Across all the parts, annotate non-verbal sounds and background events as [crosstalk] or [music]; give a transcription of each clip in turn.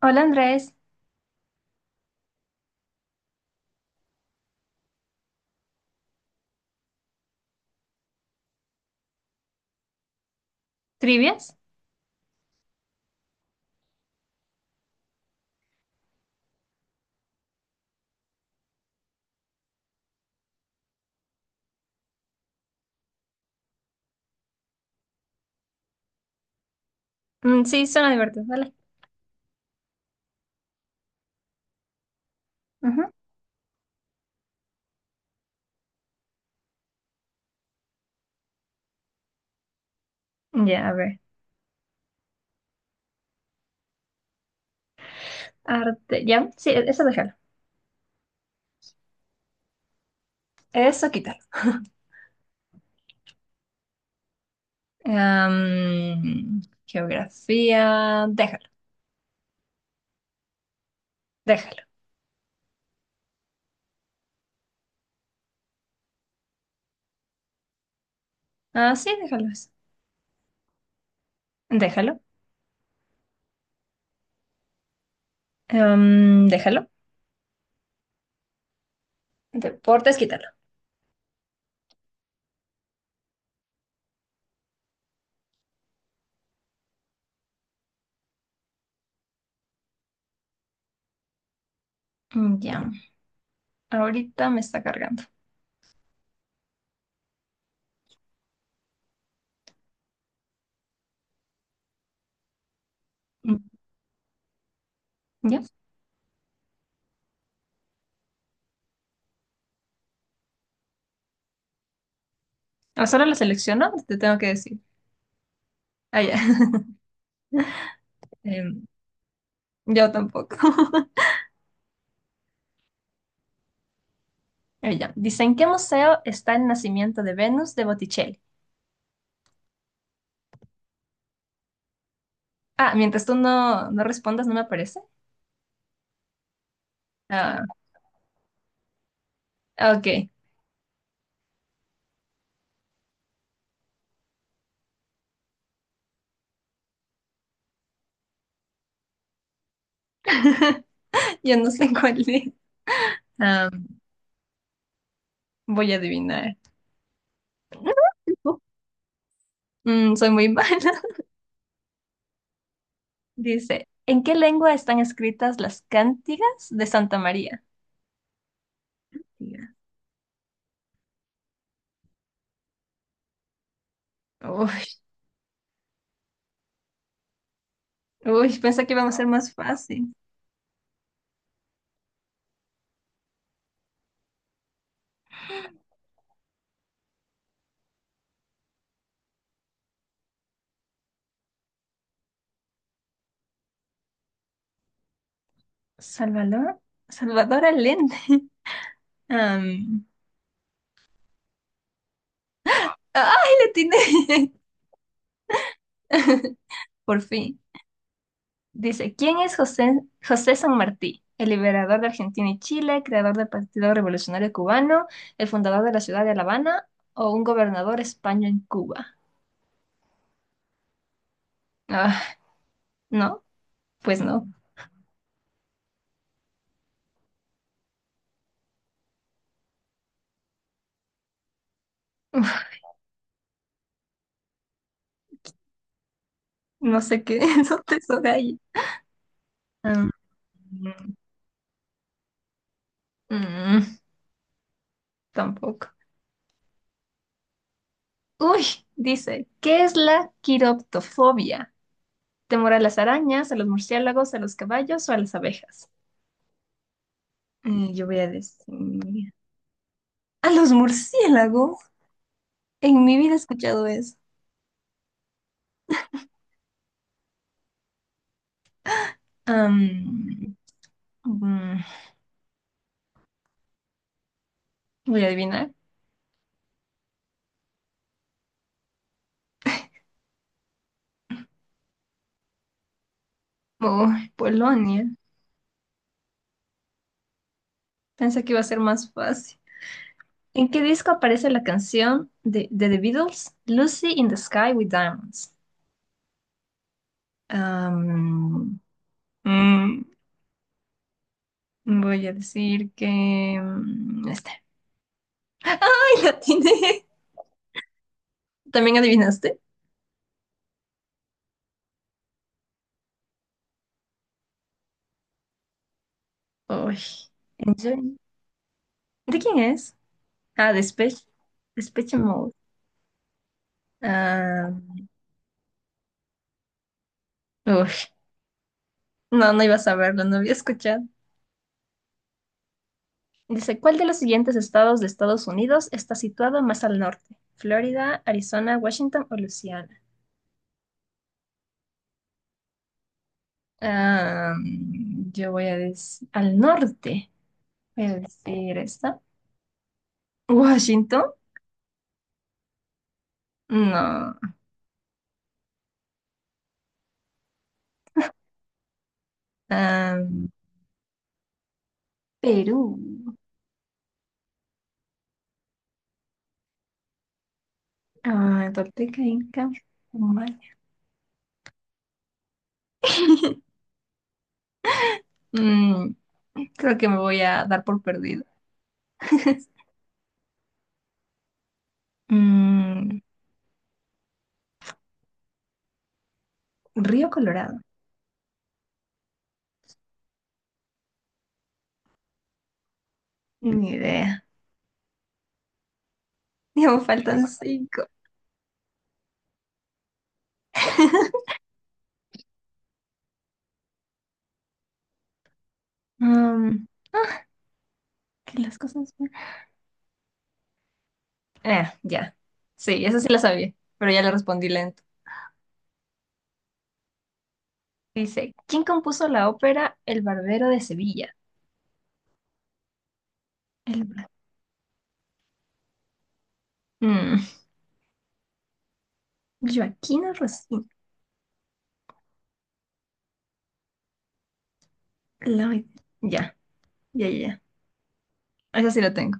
Hola Andrés, ¿trivias? Mm, sí, suena divertido, vale. Ujú. Ya, a ver. Arte, ya, sí, eso déjalo. Eso quítalo. Geografía, déjalo, déjalo. Ah, sí, déjalo eso. Déjalo. Déjalo. Deportes, quítalo. Mm, ya, ahorita me está cargando. Mm, ya. Ah, solo lo selecciono, te tengo que decir. Ah, ya. [laughs] Em, yo tampoco. [laughs] Ah, ya. Dicen, ¿en qué museo está el nacimiento de Venus de Botticelli? Ah, mientras tú no respondas, no me aparece. Ah, ok. [laughs] Yo no sé cuál es. Ah, voy a adivinar. Mm, soy muy mala. [laughs] Dice, ¿en qué lengua están escritas las cántigas de Santa María? Diga. Uy, uy, pensé que iba a ser más fácil. Salvador, Salvador Allende. Am, ¡Ay, le tiene! [laughs] Por fin. Dice, ¿quién es José San Martí? ¿El liberador de Argentina y Chile, creador del Partido Revolucionario Cubano, el fundador de la ciudad de La Habana o un gobernador español en Cuba? Ah, no, pues no. [laughs] No sé qué es, [laughs] te de ahí. Mm, mm, tampoco. Uy, dice, ¿qué es la quiroptofobia? ¿Temor a las arañas, a los murciélagos, a los caballos o a las abejas? Yo voy a decir, a los murciélagos. En mi vida he escuchado eso. Am, mm, voy a adivinar. Oh, Polonia. Pensé que iba a ser más fácil. ¿En qué disco aparece la canción de The Beatles, Lucy in the Sky with Diamonds? Am, mm, voy a decir que... este. ¡Ay, la tiene! ¿También adivinaste? Uy. Enjoy. ¿De quién es? Ah, de Spech. Depeche Mode. Ah, uy, no iba a saberlo, no había escuchado. Dice, ¿cuál de los siguientes estados de Estados Unidos está situado más al norte? ¿Florida, Arizona, Washington o Luisiana? Ah, yo voy a decir al norte. Voy a decir esta. Washington. No. Ah, Perú. Ah, Tolteca, Inca, Humala. [laughs] Mm, creo que me voy a dar por perdida. [laughs] Mm, Río Colorado. Ni idea. [laughs] Ya me faltan cinco. [laughs] Mm, que las cosas... Ah, ya. Sí, eso sí la sabía, pero ya le respondí lento. Dice, ¿quién compuso la ópera El Barbero de Sevilla? El... Bar- Mm, Joaquín Rosina. La- Ya, ya, ya, ya. Esa sí la tengo,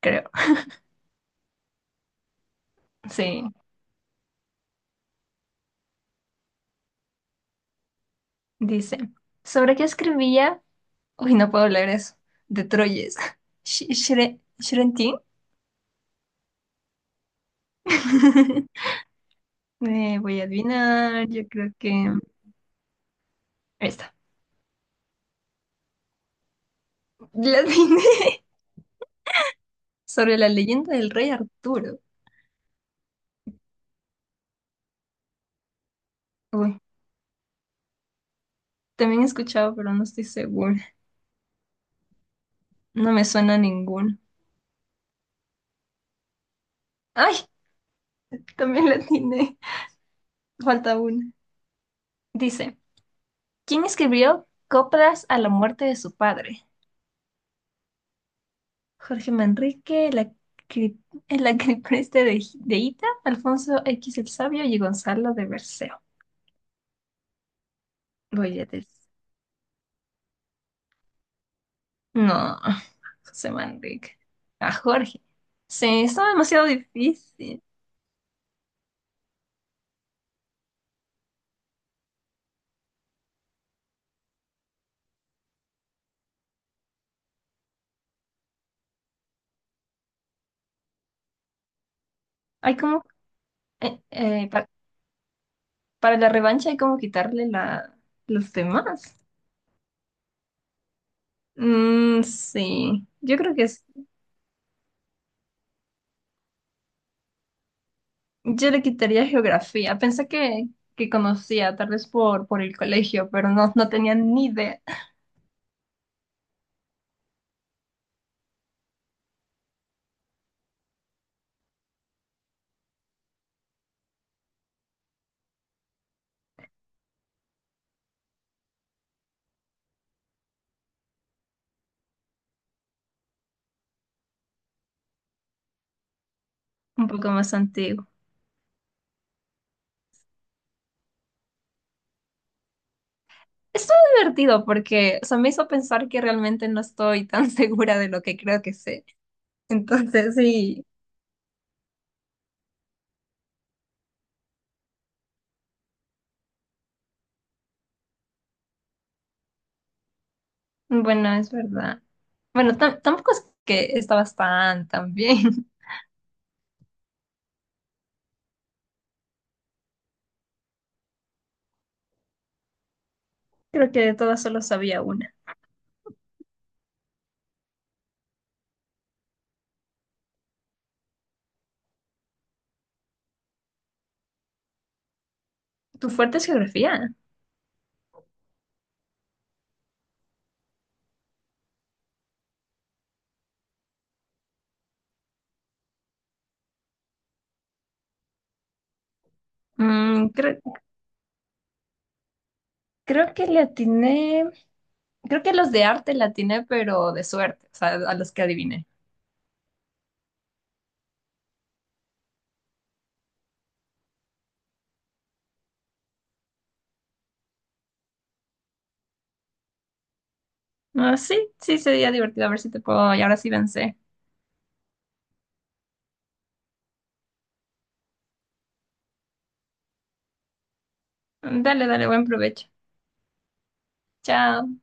creo. Sí. Dice, ¿sobre qué escribía? Uy, no puedo leer eso. De Troyes. [laughs] Shrentin. [laughs] Voy a adivinar, yo creo que... Esta. La adiviné. [laughs] Sobre la leyenda del rey Arturo. Uy, también he escuchado, pero no estoy segura. No me suena ninguno. ¡Ay! También la atiné. Falta una. Dice, ¿quién escribió Coplas a la muerte de su padre? ¿Jorge Manrique, cri- el acripreste de Ita, Alfonso X el Sabio y Gonzalo de Berceo? Voy a decir. No, José Manrique. A Jorge. Sí, está demasiado difícil. Hay como... eh, eh, pa- para la revancha hay como quitarle los demás. Mm, sí, yo le quitaría geografía. Pensé que conocía, tal vez por el colegio, pero no tenía ni idea. Un poco más antiguo. Estuvo divertido porque, o sea, me hizo pensar que realmente no estoy tan [laughs] segura de lo que creo que sé. Entonces, sí, bueno, es verdad. Bueno, tampoco es que estabas tan, tan bien. [laughs] Creo que de todas solo sabía una. ¿Tu fuerte es geografía? Mm, creo que le atiné. Creo que los de arte la atiné, pero de suerte, o sea, a los que adiviné. Ah, sí, sí, sería divertido. A ver si te puedo. Y ahora sí vencé. Dale, dale, buen provecho. Chao.